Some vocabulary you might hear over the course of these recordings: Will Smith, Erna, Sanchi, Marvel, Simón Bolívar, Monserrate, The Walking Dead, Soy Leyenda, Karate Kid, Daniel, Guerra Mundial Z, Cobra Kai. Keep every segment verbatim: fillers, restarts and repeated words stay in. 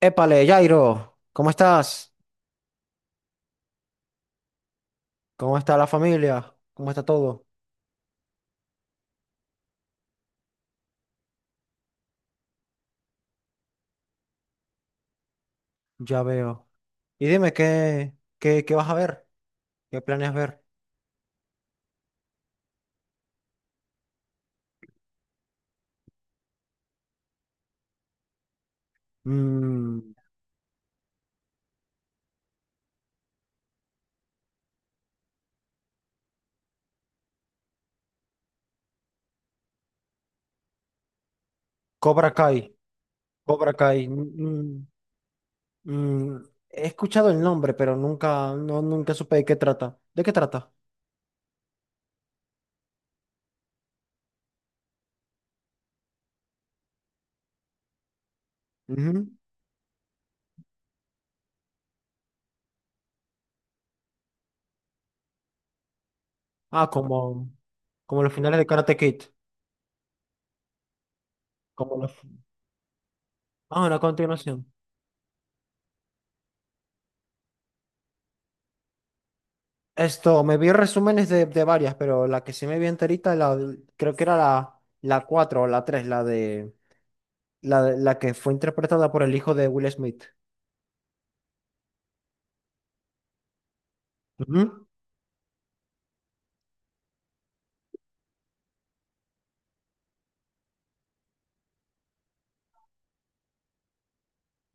Épale, Jairo, ¿cómo estás? ¿Cómo está la familia? ¿Cómo está todo? Ya veo. Y dime, ¿qué, qué, ¿qué vas a ver? ¿Qué planeas ver? Mm. Cobra Kai, Cobra Kai. mm, mm, mm, He escuchado el nombre, pero nunca, no, nunca supe de qué trata. ¿De qué trata? Ujú. Ah, como, como los finales de Karate Kid. Como los... Ah, una continuación. Esto, me vi resúmenes de, de varias, pero la que sí me vi enterita, la, del- creo que era la, la cuatro o la tres la de, la, de- la que fue interpretada por el hijo de Will Smith. Ujú,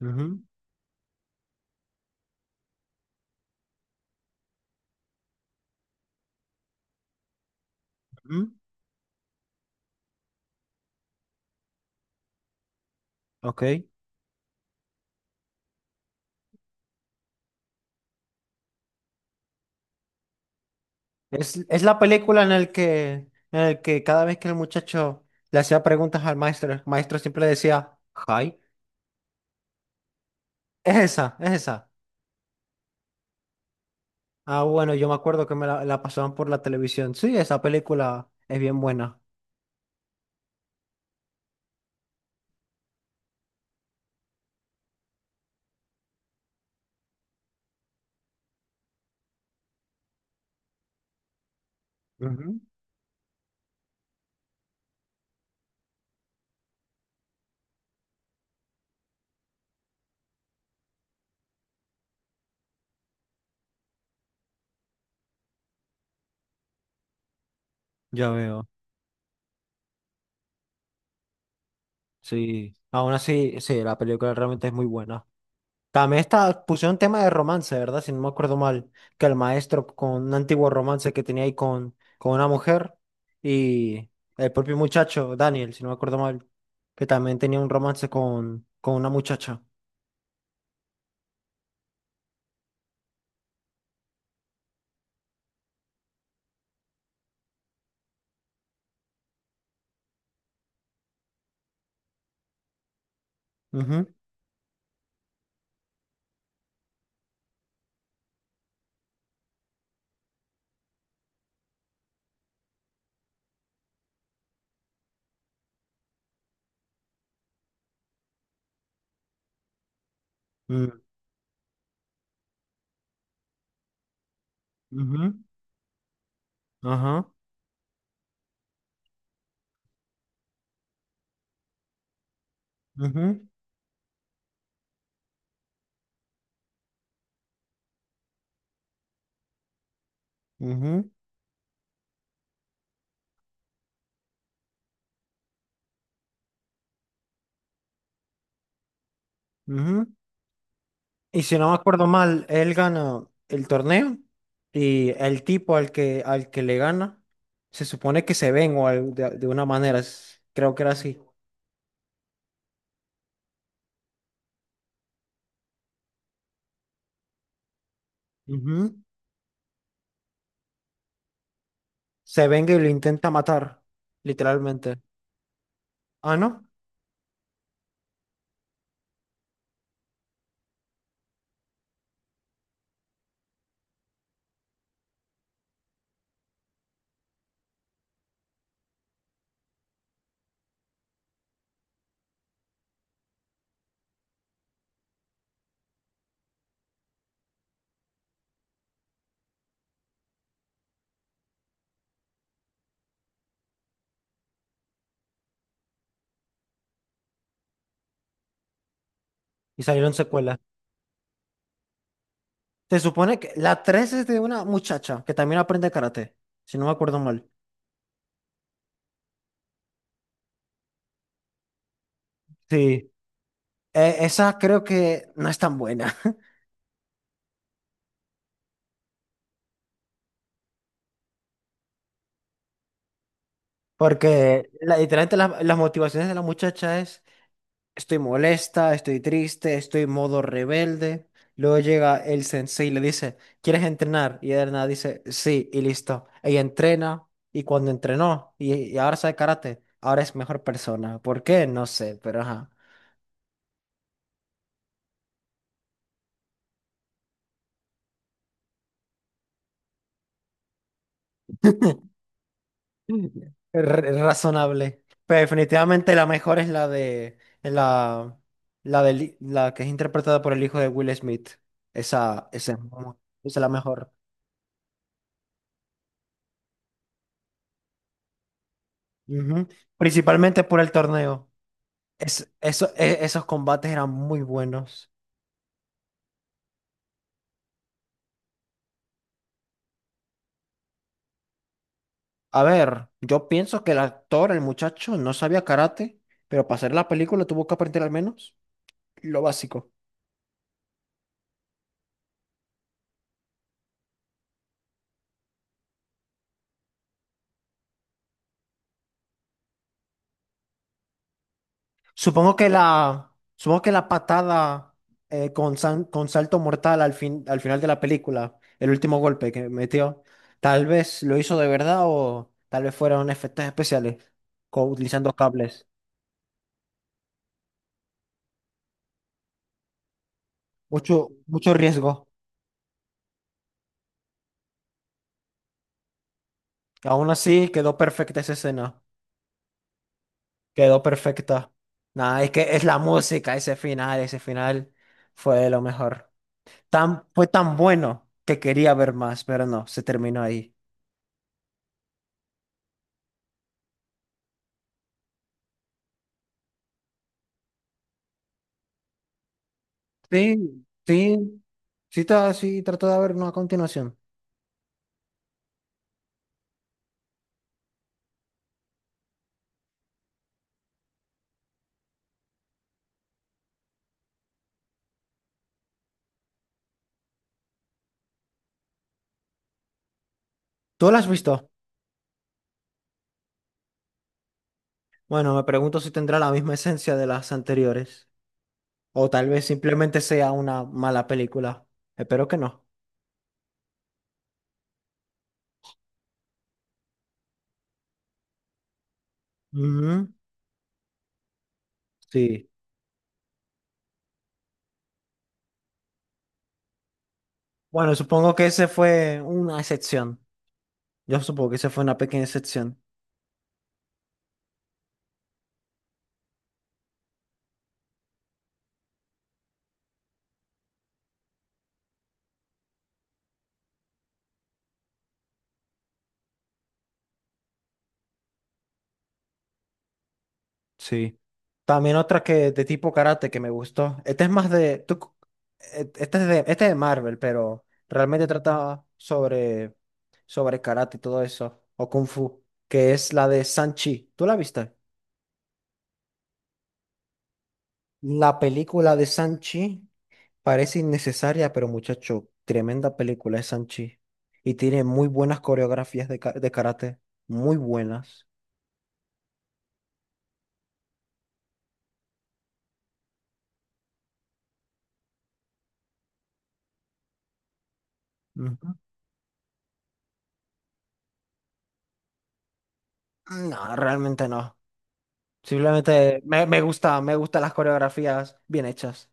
ujú, ujú. Ok. Es, es la película en el que, en el que cada vez que el muchacho le hacía preguntas al maestro, el maestro siempre le decía, hi. Es esa, es esa. Ah, bueno, yo me acuerdo que me la, la pasaban por la televisión. Sí, esa película es bien buena. Ujú. Ya veo. Sí, aún así, sí, la película realmente es muy buena. También está, pusieron tema de romance, ¿verdad? Si no me acuerdo mal, que el maestro con un antiguo romance que tenía ahí con, con una mujer y el propio muchacho, Daniel, si no me acuerdo mal, que también tenía un romance con, con una muchacha. Ujú, mm, ujú, ajá, ujú, ujú, ujú. Y si no me acuerdo mal, él gana el torneo y el tipo al que, al que le gana se supone que se venga o al- de, de una manera, es- creo que era así. Ujú. Se venga y lo intenta matar, literalmente. Ah, ¿no? Y salieron secuelas. Se supone que la tres es de una muchacha que también aprende karate, si no me acuerdo mal. Sí. Eh, esa creo que no es tan buena, porque la- literalmente la- las motivaciones de la muchacha es: estoy molesta, estoy triste, estoy modo rebelde. Luego llega el sensei y le dice, ¿quieres entrenar? Y Erna dice, sí, y listo. Ella entrena, y cuando entrenó, y, y ahora sabe karate, ahora es mejor persona. ¿Por qué? No sé, pero ajá. R- razonable. Pero definitivamente la mejor es la de la la de la que es interpretada por el hijo de Will Smith. Esa esa es mu- esa es la mejor. Ujú. Principalmente por el torneo. Es- eso- e- esos combates eran muy buenos. A ver, yo pienso que el actor, el muchacho, no sabía karate, pero para hacer la película tuvo que aprender al menos lo básico. Supongo que la, supongo que la patada eh, con, san- con salto mortal al fin, al final de la película, el último golpe que metió, tal vez lo hizo de verdad o tal vez fueron efectos especiales, co- utilizando cables. Mucho, mucho riesgo. Aún así quedó perfecta esa escena. Quedó perfecta. Nada, es que es la música, ese final, ese final fue de lo mejor. Tan, fue tan bueno que quería ver más, pero no, se terminó ahí. Sí, sí, sí, ta- sí, trato de ver una continuación. ¿Tú la has visto? Bueno, me pregunto si tendrá la misma esencia de las anteriores. O tal vez simplemente sea una mala película. Espero que no. Ujú. Sí. Bueno, supongo que ese fue una excepción. Yo supongo que ese fue una pequeña excepción. Sí. También otra que de tipo karate que me gustó. Este es más de. Tú c- eh, este es de, este es de Marvel, pero realmente trata sobre, sobre karate y todo eso. O Kung Fu. Que es la de Sanchi. ¿Tú la viste? La película de Sanchi parece innecesaria, pero muchacho, tremenda película es Sanchi. Y tiene muy buenas coreografías de, ka- de karate. Muy buenas. Ujú. No, realmente no. Simplemente me, me gusta, me gustan las coreografías bien hechas.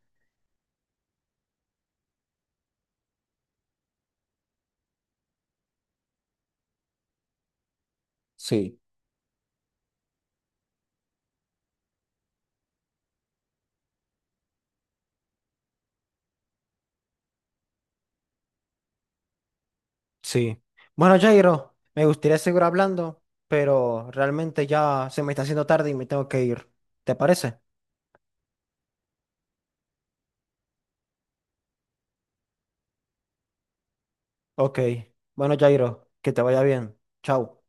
Sí. Sí. Bueno, Jairo, me gustaría seguir hablando, pero realmente ya se me está haciendo tarde y me tengo que ir. ¿Te parece? Ok. Bueno, Jairo, que te vaya bien. Chao.